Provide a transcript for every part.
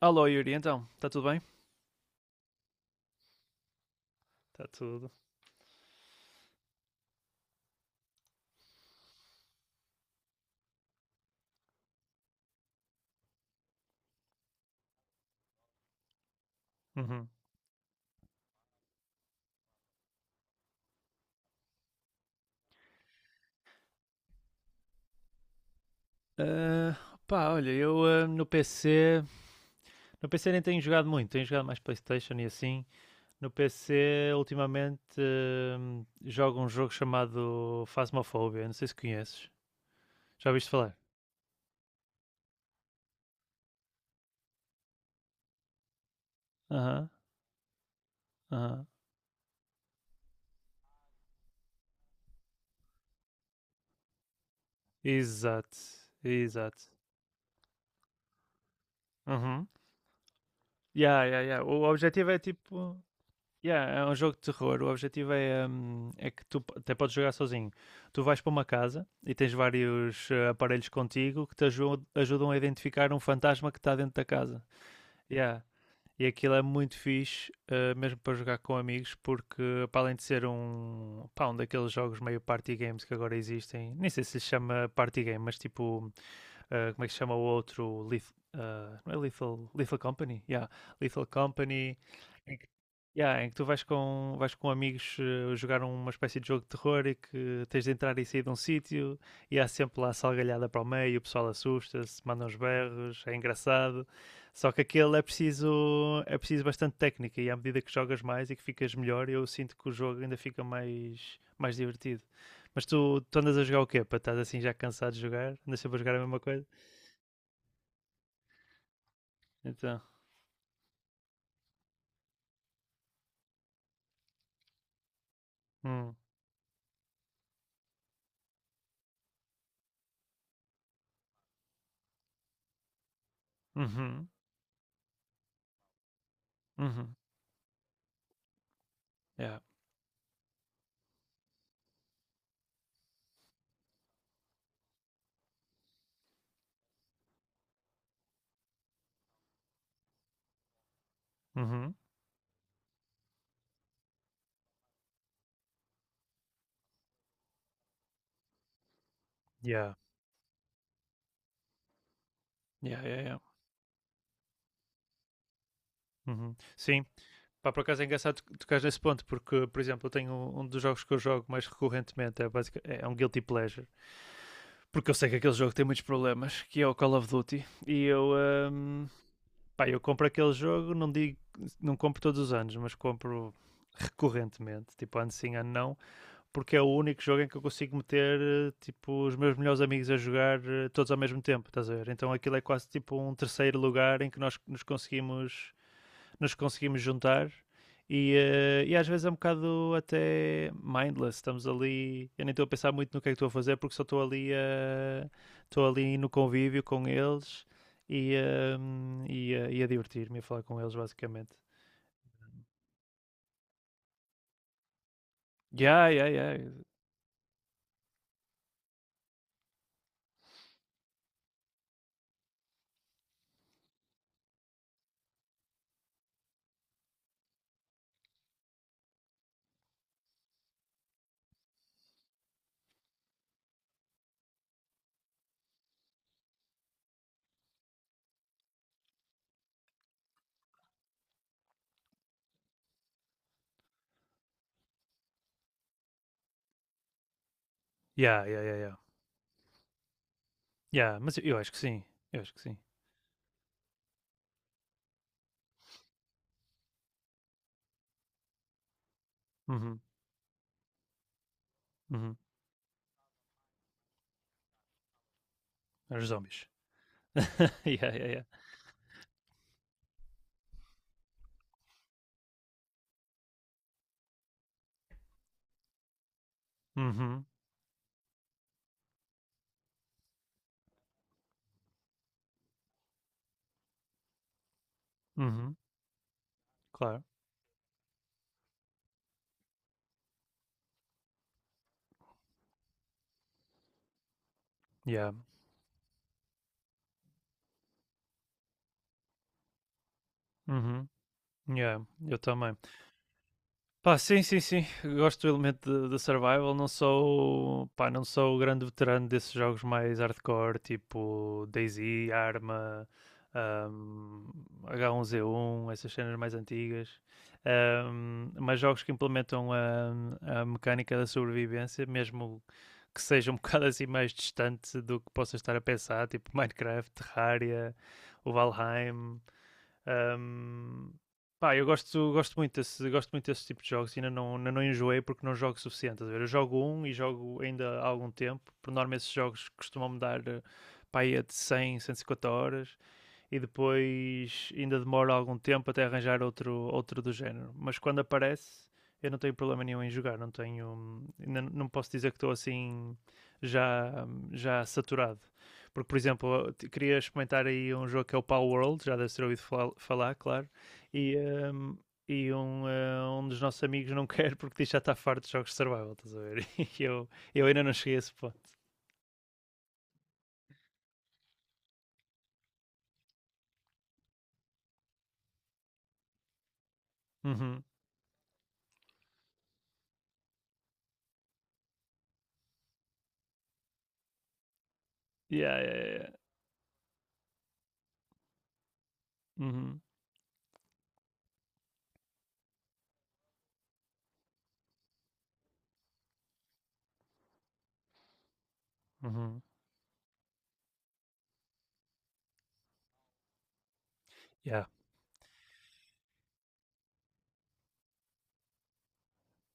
Alô Yuri, então, está tudo bem? Está tudo. Uhum. Ah, pá, olha, eu no PC nem tenho jogado muito, tenho jogado mais PlayStation e assim. No PC, ultimamente, jogo um jogo chamado Phasmophobia, não sei se conheces. Já ouviste falar? Aham, aham. Exato, exato. Uhum. Yeah, yeah, yeah. O objetivo é tipo. Yeah, é um jogo de terror. O objetivo é que tu até podes jogar sozinho. Tu vais para uma casa e tens vários aparelhos contigo que te ajudam a identificar um fantasma que está dentro da casa. Yeah. E aquilo é muito fixe, mesmo para jogar com amigos, porque para além de ser pá, um daqueles jogos meio party games que agora existem, nem sei se se chama party game, mas tipo como é que se chama o outro? Não é Lethal Company? Yeah. Lethal Company, em que, yeah, em que tu vais com amigos jogar uma espécie de jogo de terror e que tens de entrar e sair de um sítio, e há sempre lá salgalhada para o meio, o pessoal assusta-se, manda uns berros, é engraçado. Só que aquele é preciso bastante técnica, e à medida que jogas mais e que ficas melhor, eu sinto que o jogo ainda fica mais divertido. Mas tu andas a jogar o quê? Para estás assim já cansado de jogar? Andas sempre a jogar a mesma coisa? Então. Hum. Uhum. Uhum. Yeah. Uhum. Yeah. Yeah, yeah, yeah. Uhum. Sim, pá, por acaso é engraçado tocar nesse ponto, porque, por exemplo, eu tenho um dos jogos que eu jogo mais recorrentemente, é um guilty pleasure, porque eu sei que aquele jogo tem muitos problemas, que é o Call of Duty. E hum, pá, eu compro aquele jogo, não digo, não compro todos os anos, mas compro recorrentemente, tipo ano sim, ano não, porque é o único jogo em que eu consigo meter tipo os meus melhores amigos a jogar todos ao mesmo tempo, estás a ver? Então aquilo é quase tipo um terceiro lugar em que nós nos conseguimos juntar, e, e às vezes é um bocado até mindless, estamos ali, eu nem estou a pensar muito no que é que estou a fazer porque só estou ali no convívio com eles e, e a divertir-me a falar com eles basicamente. Yeah, yeah, yeah. Yeah, yeah, yeah, yeah. Yeah, mas eu acho que sim. Eu acho que sim. Uhum. Uhum. Os zombies. yeah, yeah, yeah. Uhum. Uhum. Claro. Yeah. Uhum. Yeah. Eu também. Pá, sim, sim, sim. Gosto do elemento da survival. Não sou, pá, não sou o grande veterano desses jogos mais hardcore, tipo DayZ, Arma, ahm, H1Z1, essas cenas mais antigas. Mas jogos que implementam a mecânica da sobrevivência, mesmo que seja um bocado assim mais distante do que possa estar a pensar, tipo Minecraft, Terraria, o Valheim. Um, Pá, eu gosto muito desse tipo de jogos, e ainda não enjoei porque não jogo o suficiente. Eu jogo um e jogo ainda há algum tempo. Por norma, esses jogos costumam-me dar pá, de cem cento e 150 horas, e depois ainda demora algum tempo até arranjar outro do género. Mas quando aparece, eu não tenho problema nenhum em jogar, não tenho. Não, não posso dizer que estou assim já, já saturado. Porque, por exemplo, queria experimentar aí um jogo que é o Power World, já deve ter ouvido falar, claro, e, um, e um dos nossos amigos não quer porque diz que já está farto de jogos de survival, estás a ver? E eu ainda não cheguei a esse ponto. Uhum. Yeah, yeah, yeah. Yeah. Uhum. Uhum. Yeah.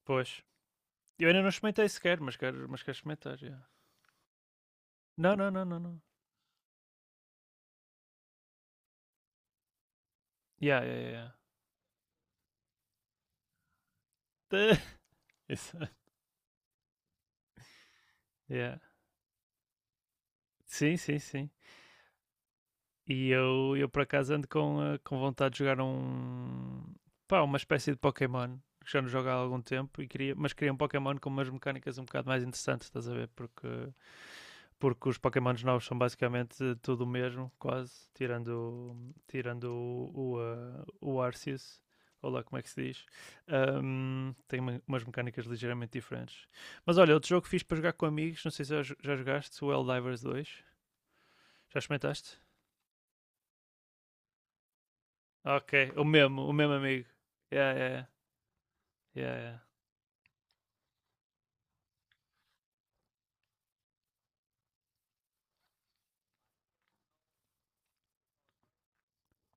Pois, eu ainda não experimentei sequer, mas quero experimentar. Yeah. Não, não, não, não, não. Yeah, yeah, yeah. Isso. Yeah. Sim, sim, sim. E eu por acaso ando com vontade de jogar um. Pá, uma espécie de Pokémon que já não jogo há algum tempo, e queria, mas queria um Pokémon com umas mecânicas um bocado mais interessantes, estás a ver? Porque os Pokémons novos são basicamente tudo o mesmo, quase, tirando o Arceus, ou lá como é que se diz. Tem umas mecânicas ligeiramente diferentes. Mas olha, outro jogo que fiz para jogar com amigos, não sei se já jogaste, o Helldivers 2. Já experimentaste? Ok, o mesmo amigo. Yeah, yeah, yeah, yeah.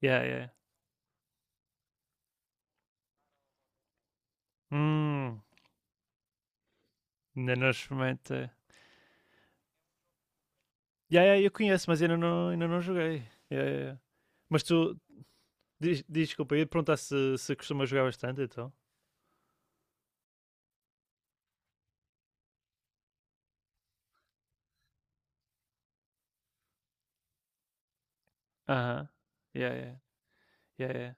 Yeah, yeah. Hum, Ainda não experimentei. Yeah, yeah, eu conheço, mas ainda não joguei. Yeah, yeah, yeah. Mas tu, diz, desculpa, eu ia perguntar se, costuma jogar bastante, então. Aham. Uh-huh. Yeah, yeah, yeah, yeah.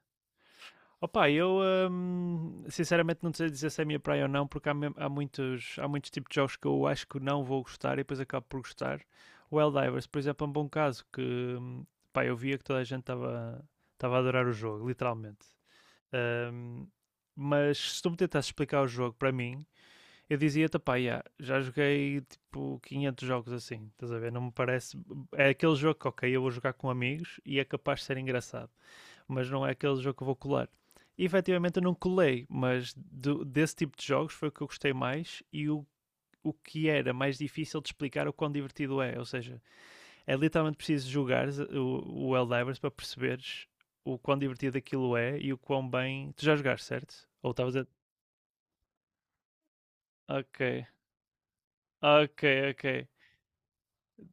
Opa, eu sinceramente não sei dizer se é a minha praia ou não, porque há muitos tipos de jogos que eu acho que não vou gostar e depois acabo por gostar. O Helldivers, por exemplo, é um bom caso que pá, eu via que toda a gente estava a adorar o jogo, literalmente. Hum, mas se tu me tentasses explicar o jogo para mim, eu dizia-te, pá, yeah, já joguei tipo 500 jogos assim, estás a ver? Não me parece. É aquele jogo que, ok, eu vou jogar com amigos e é capaz de ser engraçado, mas não é aquele jogo que eu vou colar. E efetivamente eu não colei, mas desse tipo de jogos foi o que eu gostei mais, e o que era mais difícil de explicar o quão divertido é. Ou seja, é literalmente preciso jogar o Helldivers para perceberes o quão divertido aquilo é e o quão bem. Tu já jogaste, certo? Ou estavas a. Ok, ok, ok.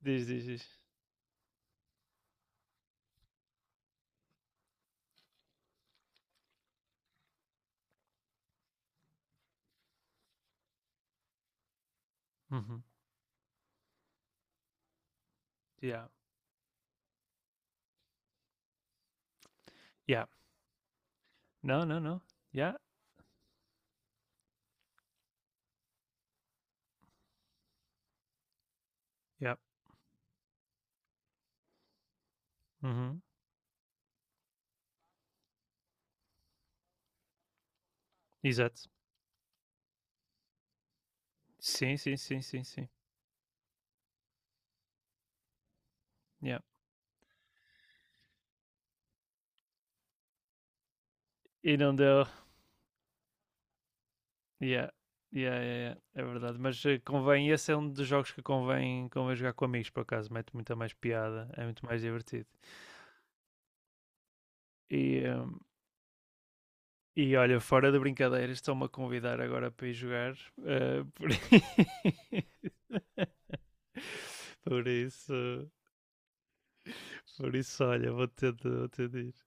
Diz, diz, diz. Uhum. Yeah. Yeah. Não, não, não. Yeah. Yeah. Uhum. Exato. Sim, sim, sim, sim, sim. Yeah. E não deu. Yeah. Yeah, yeah, yeah. É verdade. Mas convém, esse é um dos jogos que convém jogar com amigos, por acaso. Mete muita mais piada, é muito mais divertido. E, hum, e olha, fora de brincadeiras, estão-me a convidar agora para ir jogar. eh, por... por isso, por isso, olha, vou ter de ir.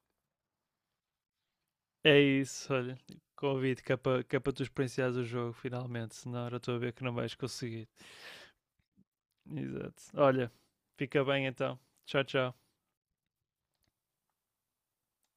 É isso, olha, convido, que é para tu experienciares o jogo finalmente, senão eu estou a ver que não vais conseguir. Exato. Olha, fica bem então. Tchau, tchau.